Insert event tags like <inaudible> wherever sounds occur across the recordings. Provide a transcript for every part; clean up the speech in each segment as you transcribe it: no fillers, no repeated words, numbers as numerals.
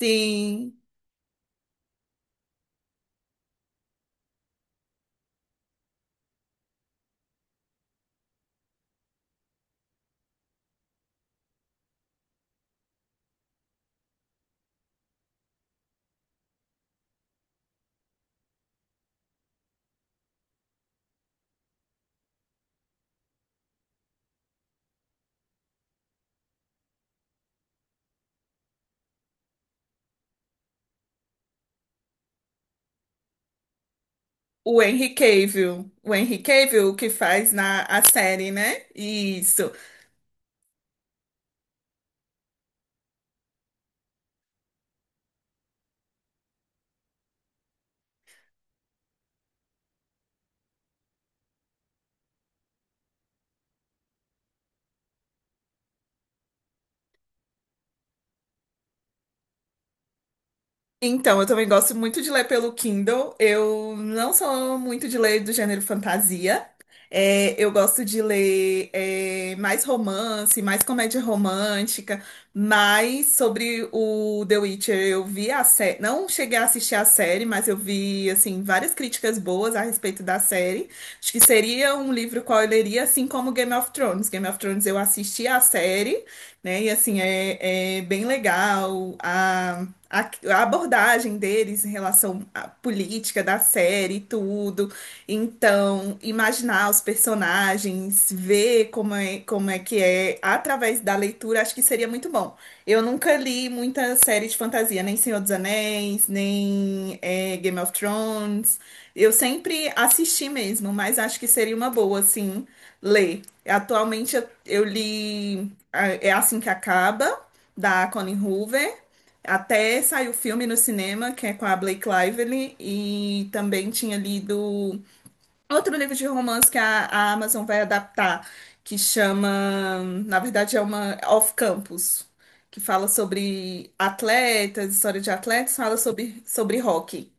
Sim, o Henry Cavill. O Henry Cavill que faz na a série, né? Isso. Então, eu também gosto muito de ler pelo Kindle. Eu não sou muito de ler do gênero fantasia. Eu gosto de ler mais romance, mais comédia romântica, mais sobre o The Witcher. Eu vi a série, não cheguei a assistir a série, mas eu vi assim várias críticas boas a respeito da série. Acho que seria um livro qual eu leria, assim como Game of Thrones. Game of Thrones eu assisti a série, né? E assim, é bem legal a abordagem deles em relação à política da série e tudo. Então, imaginar os personagens, ver como é que é através da leitura, acho que seria muito bom. Eu nunca li muita série de fantasia, nem Senhor dos Anéis, nem Game of Thrones. Eu sempre assisti mesmo, mas acho que seria uma boa, assim, ler. Atualmente eu li. É Assim que Acaba, da Colleen Hoover. Até saiu o filme no cinema, que é com a Blake Lively. E também tinha lido outro livro de romance que a Amazon vai adaptar, que chama, na verdade, é uma Off Campus, que fala sobre atletas, história de atletas, fala sobre, sobre hockey.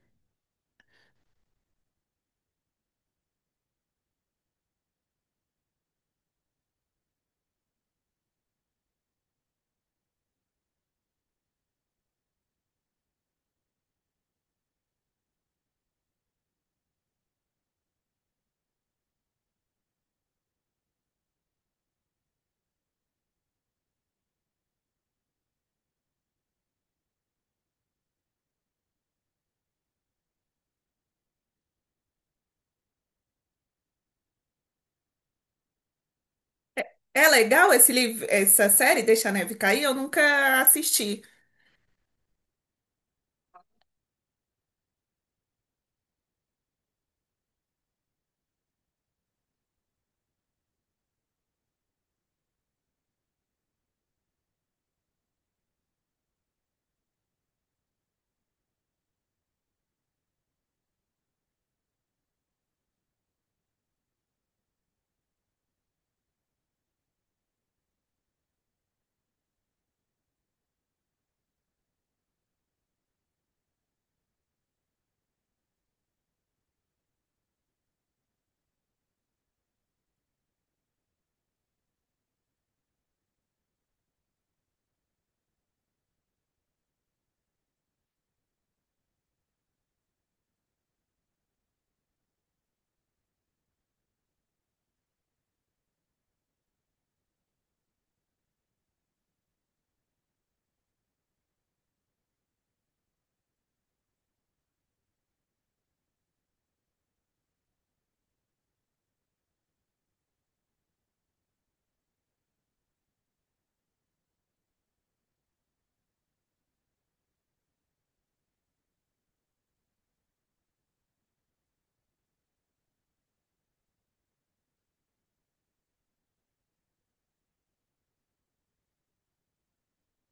É é legal esse livro, essa série, Deixa a Neve Cair? Eu nunca assisti.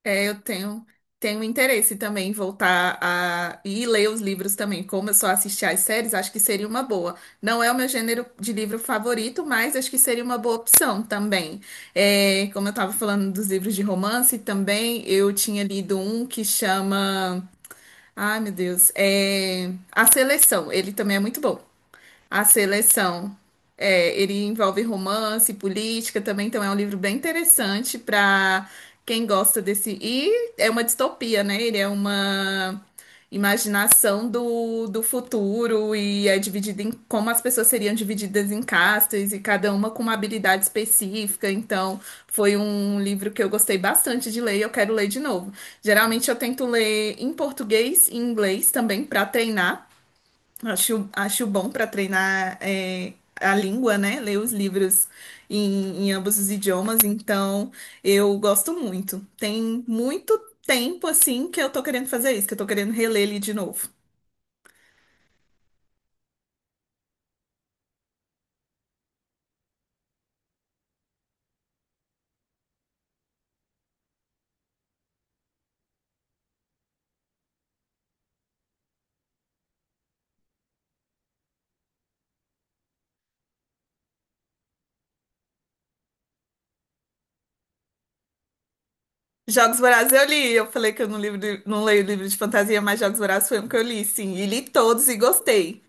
É, eu tenho, tenho interesse também em voltar a ler os livros também. Como eu só assisti às séries, acho que seria uma boa. Não é o meu gênero de livro favorito, mas acho que seria uma boa opção também. É, como eu estava falando dos livros de romance também, eu tinha lido um que chama. Ai, meu Deus. É... A Seleção. Ele também é muito bom. A Seleção. É, ele envolve romance, política também, então é um livro bem interessante para quem gosta desse. E é uma distopia, né? Ele é uma imaginação do futuro e é dividido em como as pessoas seriam divididas em castas e cada uma com uma habilidade específica. Então, foi um livro que eu gostei bastante de ler e eu quero ler de novo. Geralmente eu tento ler em português e em inglês também para treinar. Acho bom para treinar a língua, né? Ler os livros em ambos os idiomas, então eu gosto muito. Tem muito tempo assim que eu tô querendo fazer isso, que eu tô querendo reler ele de novo. Jogos Vorazes eu li, eu falei que eu não, não leio livro de fantasia, mas Jogos Vorazes foi um que eu li, sim, e li todos e gostei.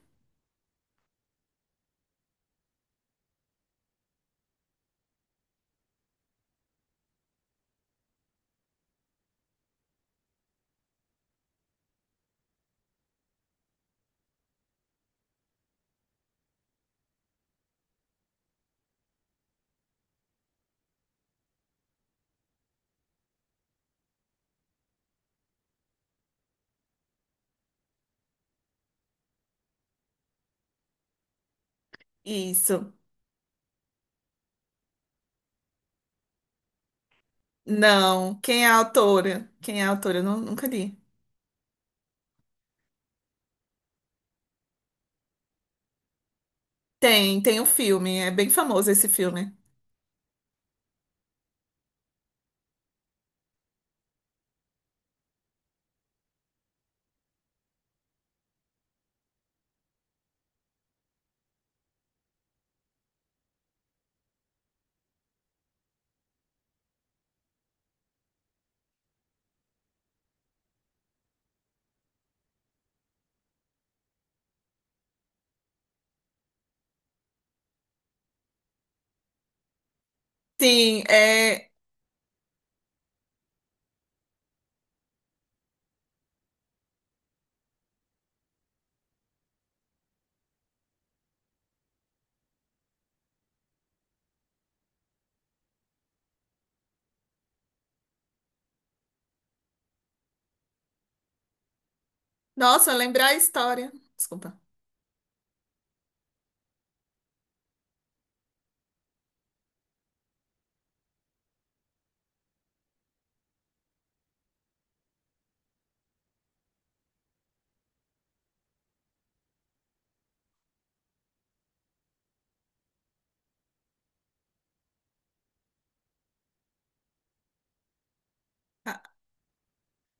Isso. Não, quem é a autora? Quem é a autora? Nunca li. Tem, tem um filme, é bem famoso esse filme. Sim, é. Nossa, lembrar a história. Desculpa. Ah,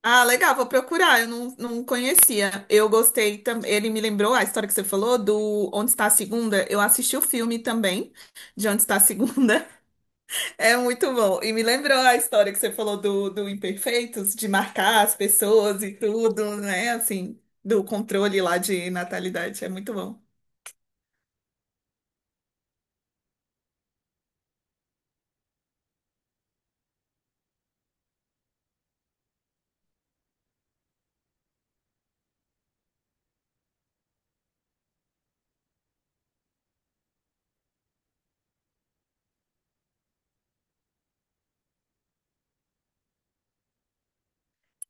ah, legal, vou procurar. Eu não, não conhecia. Eu gostei também. Ele me lembrou a história que você falou do Onde Está a Segunda. Eu assisti o filme também, de Onde Está a Segunda. <laughs> É muito bom. E me lembrou a história que você falou do Imperfeitos, de marcar as pessoas e tudo, né? Assim, do controle lá de natalidade. É muito bom.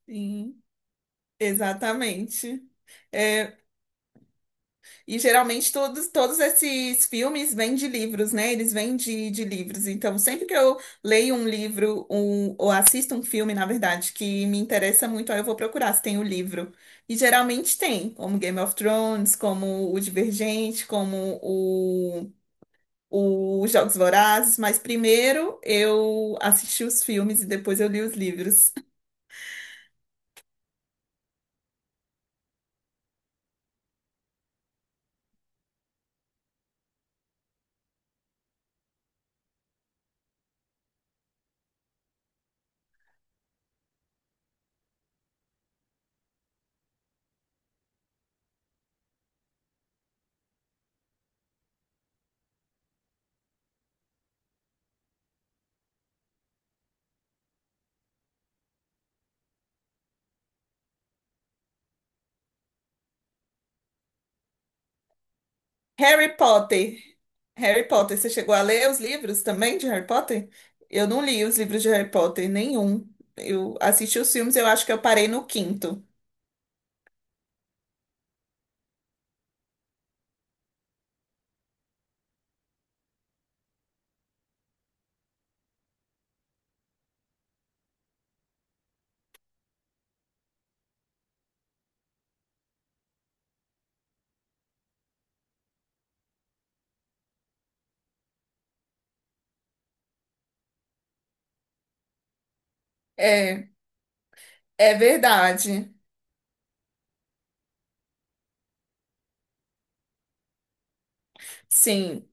Sim, exatamente. É. E geralmente todos, todos esses filmes vêm de livros, né? Eles vêm de livros. Então, sempre que eu leio um livro, um, ou assisto um filme, na verdade, que me interessa muito, aí eu vou procurar se tem o livro. E geralmente tem, como Game of Thrones, como o Divergente, o Jogos Vorazes. Mas primeiro eu assisti os filmes e depois eu li os livros. Harry Potter. Harry Potter, você chegou a ler os livros também de Harry Potter? Eu não li os livros de Harry Potter, nenhum. Eu assisti os filmes, eu acho que eu parei no quinto. É, é verdade. Sim.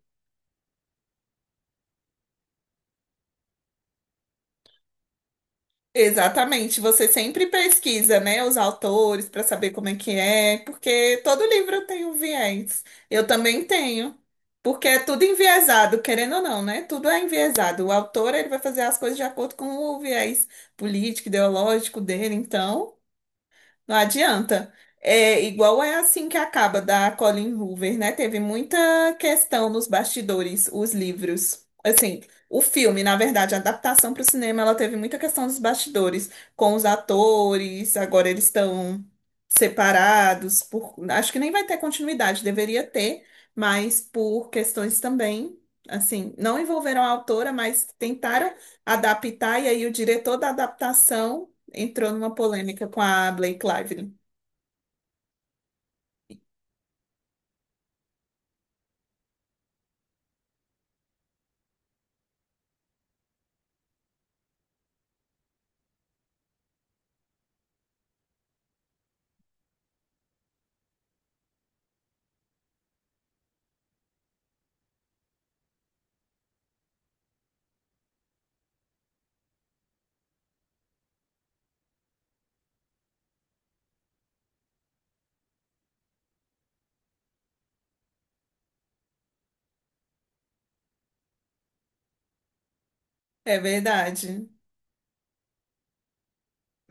Exatamente, você sempre pesquisa, né, os autores para saber como é que é, porque todo livro tem um viés. Eu também tenho, porque é tudo enviesado, querendo ou não, né? Tudo é enviesado. O autor, ele vai fazer as coisas de acordo com o viés político, ideológico dele, então. Não adianta. É igual é assim que acaba da Colin Hoover, né? Teve muita questão nos bastidores, os livros. Assim, o filme, na verdade, a adaptação para o cinema, ela teve muita questão dos bastidores com os atores. Agora eles estão separados por, acho que nem vai ter continuidade, deveria ter, mas por questões também, assim, não envolveram a autora, mas tentaram adaptar e aí o diretor da adaptação entrou numa polêmica com a Blake Lively. É verdade.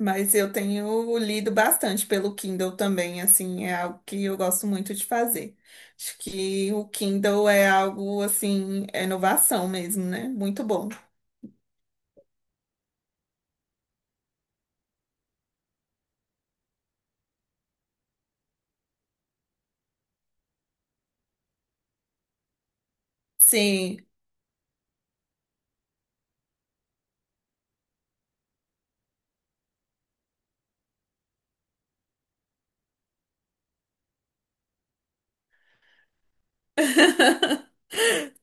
Mas eu tenho lido bastante pelo Kindle também, assim, é algo que eu gosto muito de fazer. Acho que o Kindle é algo, assim, é inovação mesmo, né? Muito bom. Sim. <laughs>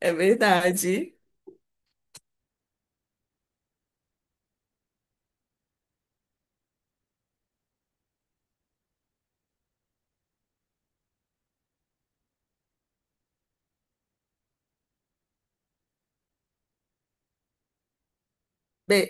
É verdade. Bem,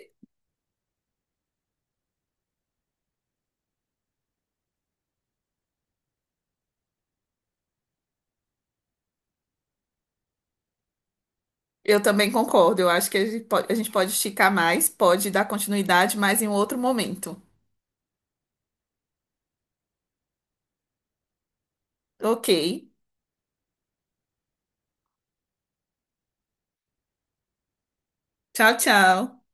eu também concordo. Eu acho que a gente pode esticar mais, pode dar continuidade, mas em outro momento. Ok. Tchau, tchau.